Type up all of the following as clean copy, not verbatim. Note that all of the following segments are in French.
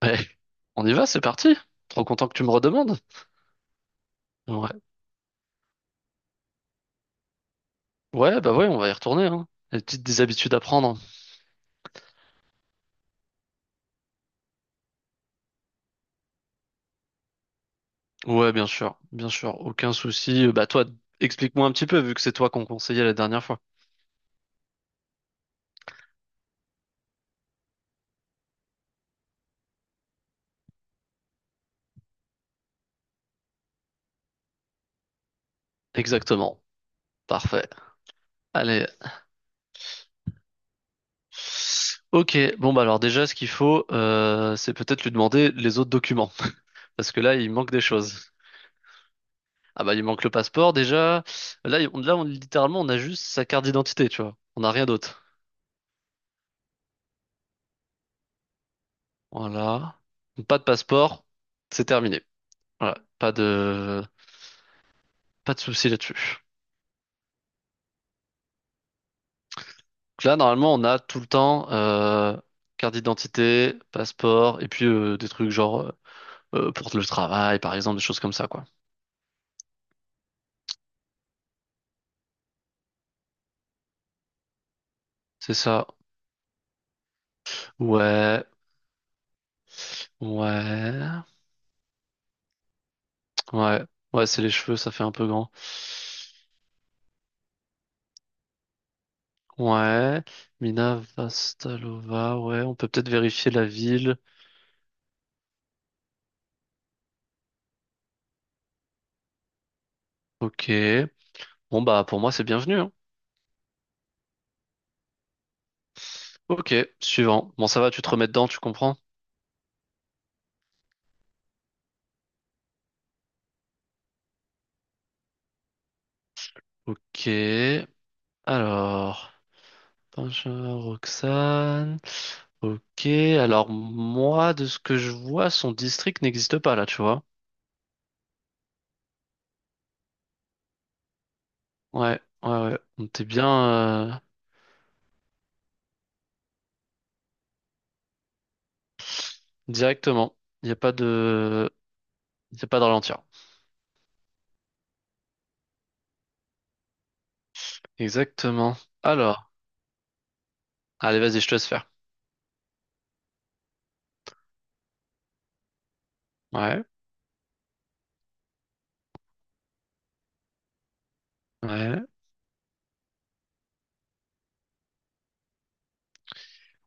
Ben, on y va, c'est parti. Trop content que tu me redemandes. Ouais. Ouais, bah ouais, on va y retourner, hein. Les petites des habitudes à prendre. Ouais, bien sûr, aucun souci. Bah toi, explique-moi un petit peu, vu que c'est toi qu'on conseillait la dernière fois. Exactement. Parfait. Allez. Ok, bon bah alors déjà, ce qu'il faut, c'est peut-être lui demander les autres documents. Parce que là, il manque des choses. Ah bah il manque le passeport déjà. Là on littéralement, on a juste sa carte d'identité, tu vois. On n'a rien d'autre. Voilà. Pas de passeport, c'est terminé. Ouais, pas de pas de souci là-dessus. Donc là, normalement, on a tout le temps carte d'identité, passeport, et puis des trucs genre pour le travail, par exemple, des choses comme ça, quoi. C'est ça. Ouais, ouais, ouais, ouais. C'est les cheveux, ça fait un peu grand. Ouais, Mina Vastalova. Ouais, on peut peut-être vérifier la ville. Ok. Bon bah pour moi, c'est bienvenu, hein. Ok, suivant. Bon, ça va, tu te remets dedans, tu comprends? Ok. Alors. Benjamin, Roxane. Ok, alors moi, de ce que je vois, son district n'existe pas là, tu vois. Ouais, ouais, ouais. On était bien directement. Il n'y a pas de... Il n'y a pas de ralentir. Exactement. Alors, allez, vas-y, je te laisse faire. Ouais, ouais,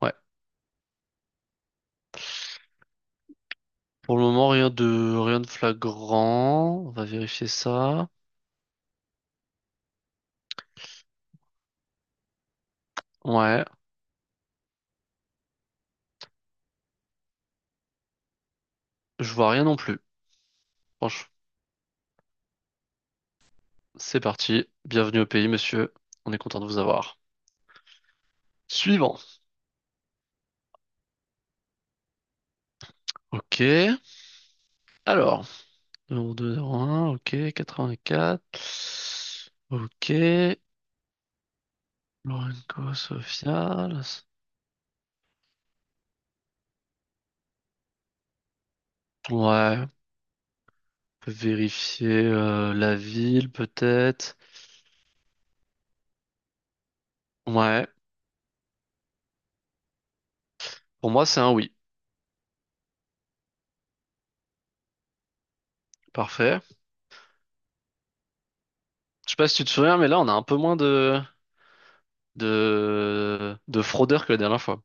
ouais. Pour le moment, rien de flagrant. On va vérifier ça. Ouais, je vois rien non plus. Franchement, c'est parti. Bienvenue au pays, monsieur. On est content de vous avoir. Suivant. Ok. Alors. 0,201, ok, 84. Ok, Lorenco, Sofia. Ouais, on peut vérifier la ville peut-être. Ouais, pour moi c'est un oui. Parfait. Je sais pas si tu te souviens, mais là on a un peu moins de fraudeurs que la dernière fois.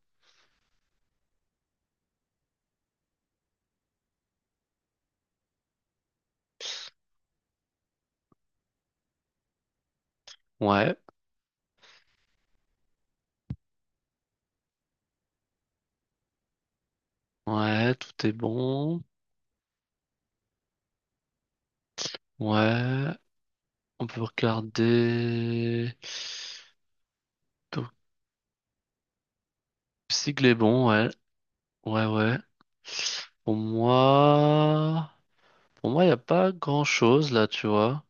Ouais, ouais, tout est bon. Ouais, on peut regarder. Donc, sigle est bon, ouais. Pour moi. Pour moi, il n'y a pas grand-chose là, tu vois.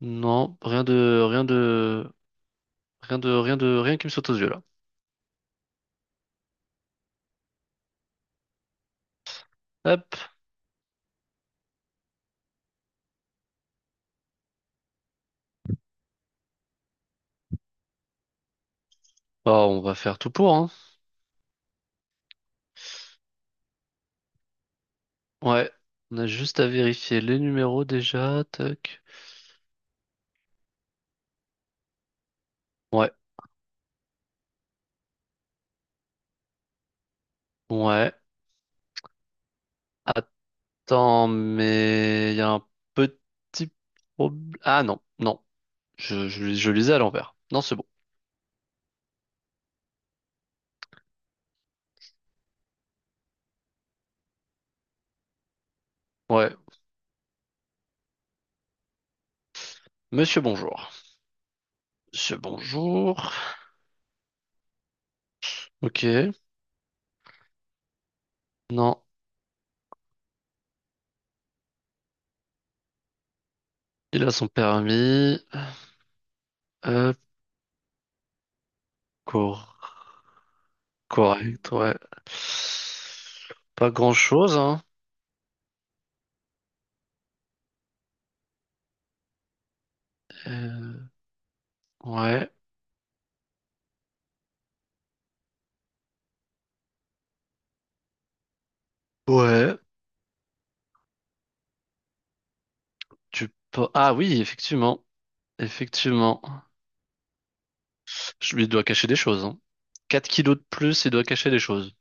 Non, rien qui me saute aux yeux là. Hop. Bah, on va faire tout pour, hein. Ouais, on a juste à vérifier les numéros déjà, tac. Ouais, ouais. Attends, mais il y a un petit problème. Ah non, non, je lisais à l'envers. Non, c'est bon. Ouais, monsieur bonjour. Monsieur bonjour. Ok, non, il a son permis. Hop, correct, ouais. Pas grand-chose, hein. Euh, ouais. Ouais. Tu peux... Ah oui, effectivement. Effectivement. Je lui dois cacher des choses, hein. 4 kilos de plus, il doit cacher des choses.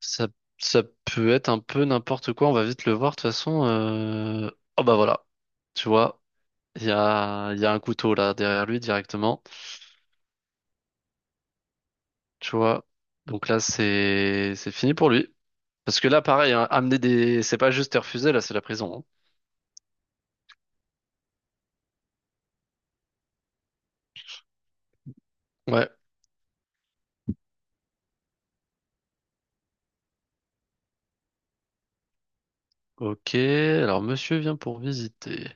Ça, ça peut être un peu n'importe quoi, on va vite le voir, de toute façon, oh bah voilà. Tu vois, il y a un couteau là derrière lui directement. Tu vois. Donc là, c'est fini pour lui. Parce que là, pareil, hein, amener des. C'est pas juste te refuser, là, c'est la prison, hein. Ouais. Ok, alors monsieur vient pour visiter.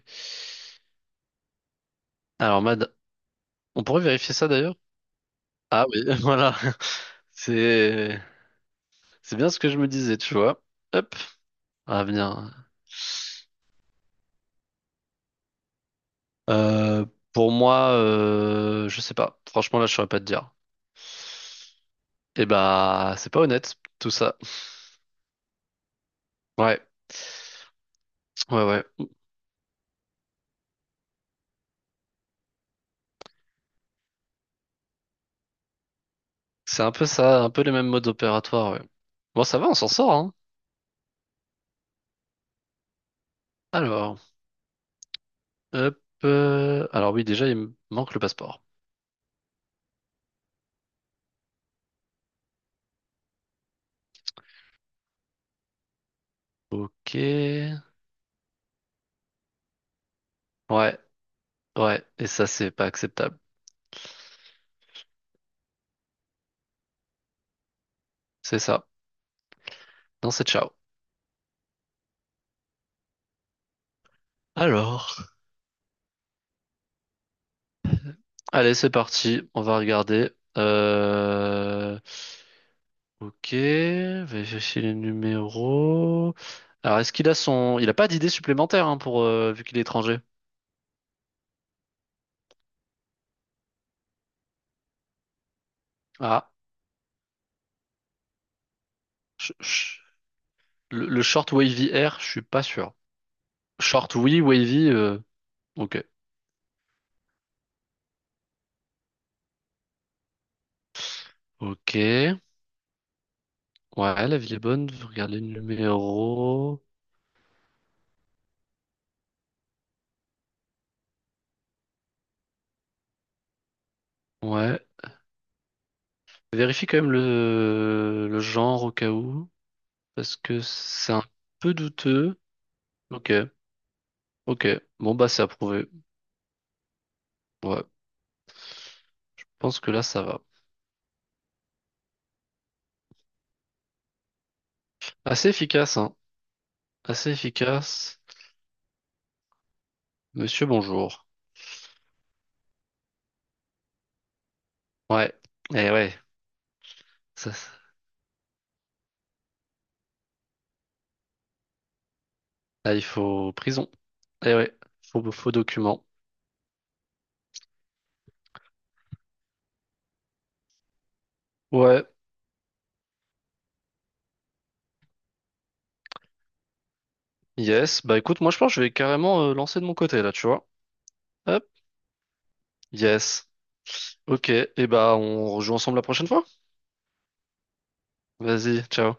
Alors, mad... on pourrait vérifier ça d'ailleurs? Ah oui, voilà. C'est c'est bien ce que je me disais, tu vois. Hop, à venir. Euh, pour moi, je sais pas. Franchement, là, je saurais pas te dire. Eh bah, c'est pas honnête, tout ça. Ouais, ouais, ouais. C'est un peu ça, un peu les mêmes modes opératoires, ouais. Bon, ça va, on s'en sort, hein. Alors, hop. Alors oui, déjà, il me manque le passeport. Ok. Ouais, ouais. Et ça, c'est pas acceptable. C'est ça. Non, c'est ciao. Alors, allez, c'est parti. On va regarder. Euh... Ok. Vérifier les numéros. Alors, est-ce qu'il a son... Il a pas d'idée supplémentaire hein, pour vu qu'il est étranger. Ah. je- je- le short wavy air, je suis pas sûr. Short oui, wavy. Ok. Ok. Ouais, la ville est bonne. Regardez le numéro. Ouais. Vérifie quand même le genre au cas où, parce que c'est un peu douteux. Ok, ok. Bon, bah, c'est approuvé. Ouais, je pense que là, ça va. Assez efficace, hein. Assez efficace. Monsieur, bonjour. Ouais, eh ouais. Ça, ça- là, il faut prison. Eh ouais, faux, faux document. Ouais, yes. Bah, écoute, moi, je pense que je vais carrément lancer de mon côté, là, tu vois. Hop, yes. Ok, et bah, on rejoue ensemble la prochaine fois. Vas-y, ciao.